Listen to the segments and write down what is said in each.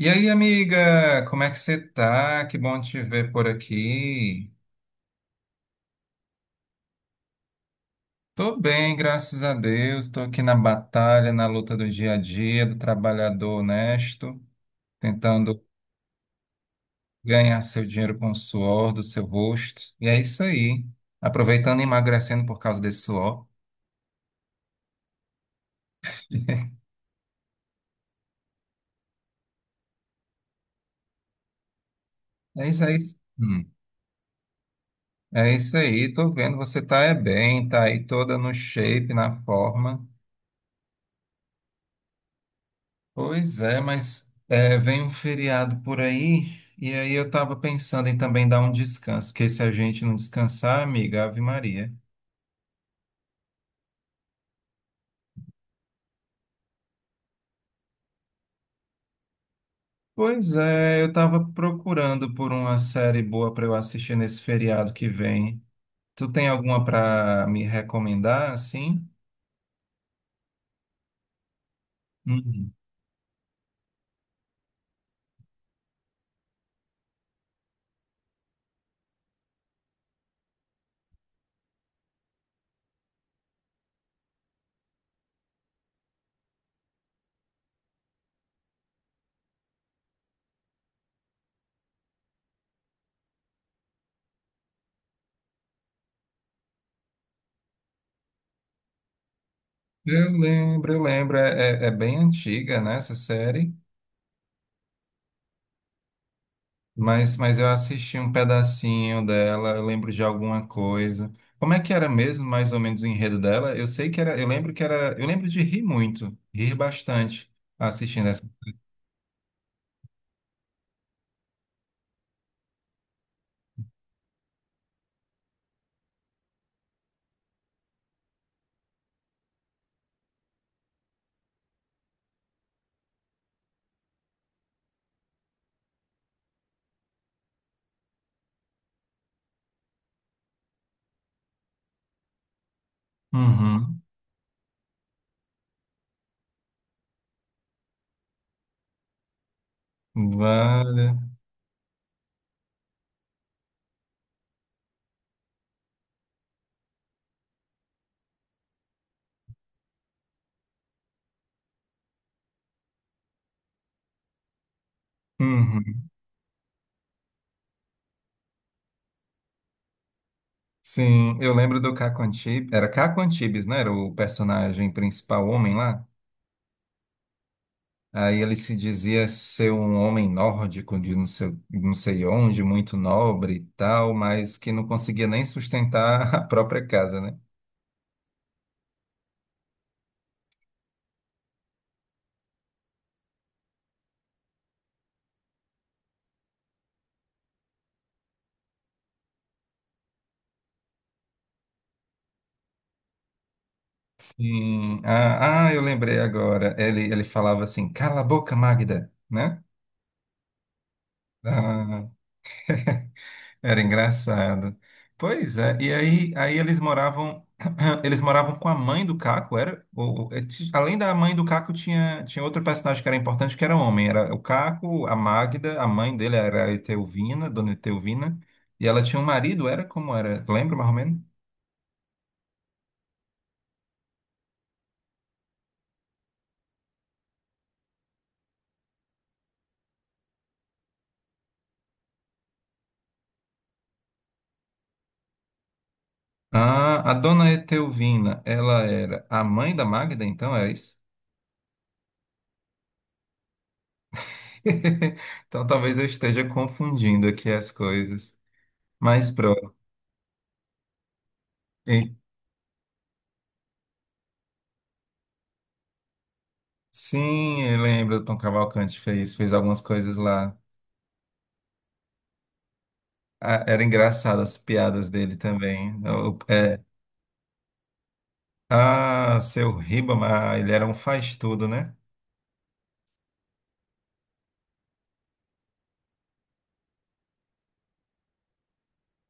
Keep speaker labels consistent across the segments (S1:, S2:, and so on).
S1: E aí, amiga, como é que você tá? Que bom te ver por aqui. Tô bem, graças a Deus. Tô aqui na batalha, na luta do dia a dia, do trabalhador honesto, tentando ganhar seu dinheiro com o suor do seu rosto. E é isso aí. Aproveitando e emagrecendo por causa desse suor. É isso aí. Hum. É isso aí. Tô vendo, você tá é bem, tá aí toda no shape, na forma. Pois é, mas é, vem um feriado por aí, e aí eu tava pensando em também dar um descanso, porque se a gente não descansar, amiga, Ave Maria. Pois é, eu tava procurando por uma série boa para eu assistir nesse feriado que vem. Tu tem alguma para me recomendar, assim? Uhum. Eu lembro, é bem antiga, né, essa série. Mas eu assisti um pedacinho dela, eu lembro de alguma coisa. Como é que era mesmo, mais ou menos, o enredo dela? Eu sei que era, eu lembro que era, eu lembro de rir muito, rir bastante assistindo essa. Uhum. Vale. Uhum. Sim, eu lembro do Caco Antibes, era Caco Antibes, né? Era o personagem principal, o homem lá. Aí ele se dizia ser um homem nórdico de não sei, não sei onde, muito nobre e tal, mas que não conseguia nem sustentar a própria casa, né? Sim. Ah, eu lembrei agora. Ele falava assim, cala a boca, Magda, né? Ah, era engraçado. Pois é, e aí, eles moravam, eles moravam com a mãe do Caco, era? Além da mãe do Caco, tinha outro personagem que era importante, que era homem. Era o Caco, a Magda, a mãe dele era a Etelvina, dona Etelvina, e ela tinha um marido, era como era? Lembra mais ou menos? Ah, a dona Etelvina, ela era a mãe da Magda, então, era isso? Então talvez eu esteja confundindo aqui as coisas. Mas pronto. E- sim, eu lembro, o Tom Cavalcante fez algumas coisas lá. Ah, era engraçado as piadas dele também. Seu Ribamar, ele era um faz-tudo, né?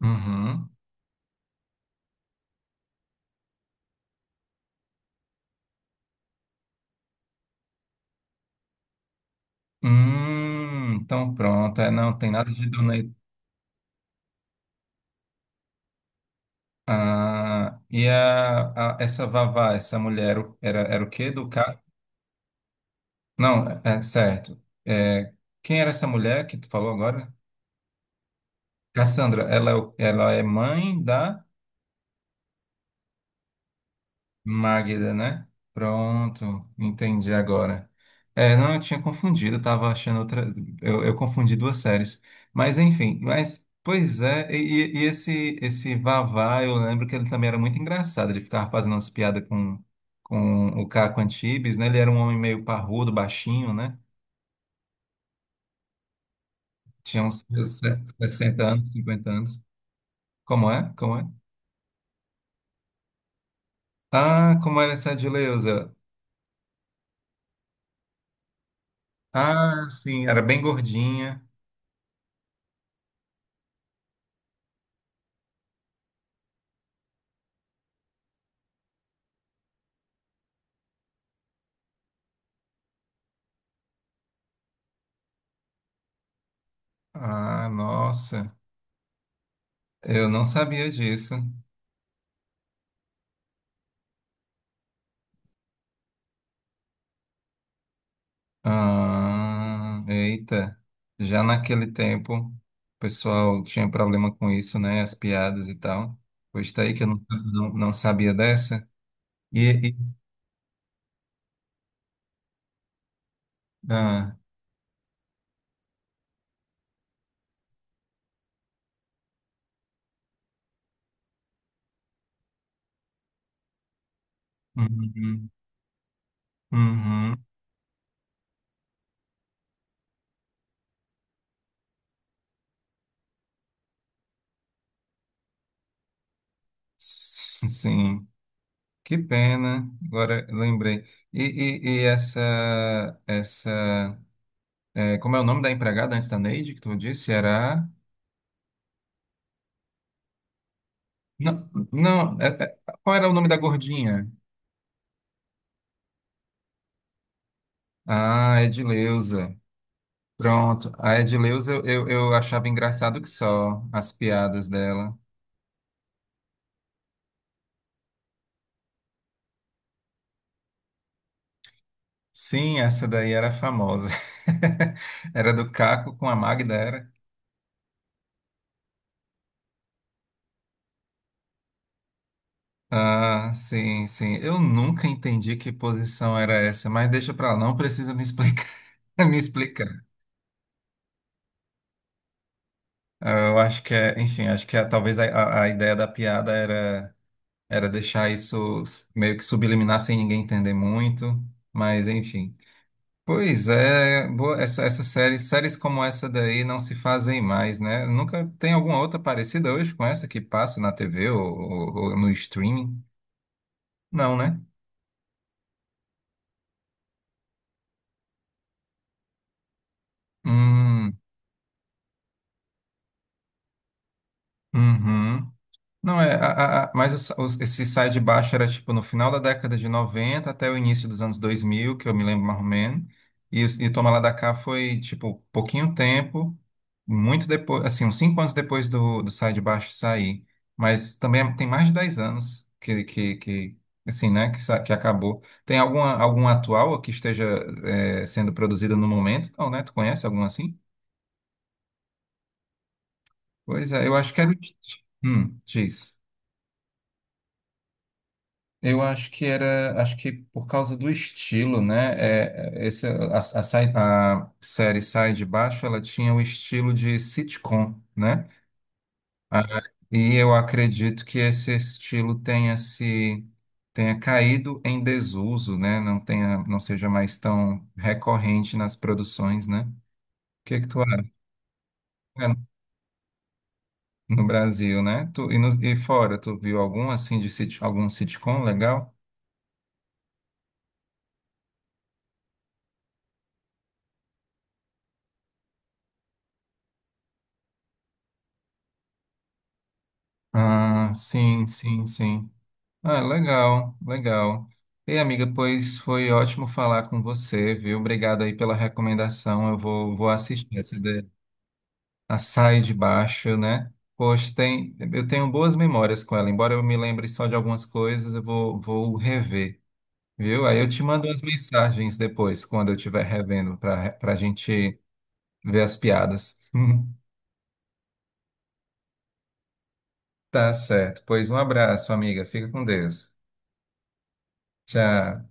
S1: Uhum. Então pronto. É, não, tem nada de dona... Ah, essa Vavá, essa mulher, era o quê? Do carro? Não, é certo. É, quem era essa mulher que tu falou agora? Cassandra, ela é mãe da Magda, né? Pronto, entendi agora. É, não, eu tinha confundido, eu tava achando outra. Eu confundi duas séries. Mas enfim, mas pois é, e esse Vavá, eu lembro que ele também era muito engraçado, ele ficava fazendo umas piadas com o Caco Antibes, né? Ele era um homem meio parrudo, baixinho, né? Tinha uns 60 anos, 50 anos. Como é? Como é? Ah, como era essa de Leusa? Ah, sim, era bem gordinha. Ah, nossa, eu não sabia disso. Ah, eita, já naquele tempo o pessoal tinha problema com isso, né? As piadas e tal. Pois tá aí que eu não sabia dessa. E, e- ah, uhum, uhum, sim, que pena. Agora lembrei. E, e essa, como é o nome da empregada antes da Neide que tu disse? Era? Não, não, qual era o nome da gordinha? Ah, Edileuza. Pronto, a Edileuza eu achava engraçado que só as piadas dela. Sim, essa daí era famosa. Era do Caco com a Magda, era? Ah, sim, sim. Eu nunca entendi que posição era essa, mas deixa pra lá, não precisa me explicar. Me explicar. Ah, eu acho que é, enfim, acho que talvez a ideia da piada era. Era deixar isso meio que subliminar sem ninguém entender muito, mas enfim. Pois é, essa série, séries como essa daí não se fazem mais, né? Nunca tem alguma outra parecida hoje com essa que passa na TV ou no streaming? Não, né? Hum, uhum. Não, é, mas esse Sai de Baixo era tipo no final da década de 90 até o início dos anos 2000, que eu me lembro mais ou menos. E Toma Lá da Cá foi tipo pouquinho tempo, muito depois, assim, uns 5 anos depois do, Sai de Baixo sair. Mas também tem mais de 10 anos que assim, né, que acabou. Tem alguma atual que esteja é, sendo produzida no momento? Não, né? Tu conhece alguma assim? Pois é, eu acho que era o. Diz. Eu acho que era, acho que por causa do estilo, né? É, esse, a série Sai de Baixo, ela tinha o estilo de sitcom, né? Ah, e eu acredito que esse estilo tenha se tenha caído em desuso, né? Não tenha, não seja mais tão recorrente nas produções, né? O que que tu acha? É, no Brasil, né? E fora, tu viu algum assim algum sitcom legal? Ah, sim, sim, sim. Ah, legal, legal. Ei, amiga, pois foi ótimo falar com você, viu? Obrigado aí pela recomendação. Eu vou assistir essa de Açaí de Baixo, né? Poxa, tem, eu tenho boas memórias com ela, embora eu me lembre só de algumas coisas, eu vou rever, viu? Aí eu te mando as mensagens depois, quando eu estiver revendo, para a gente ver as piadas. Tá certo. Pois um abraço, amiga. Fica com Deus. Tchau.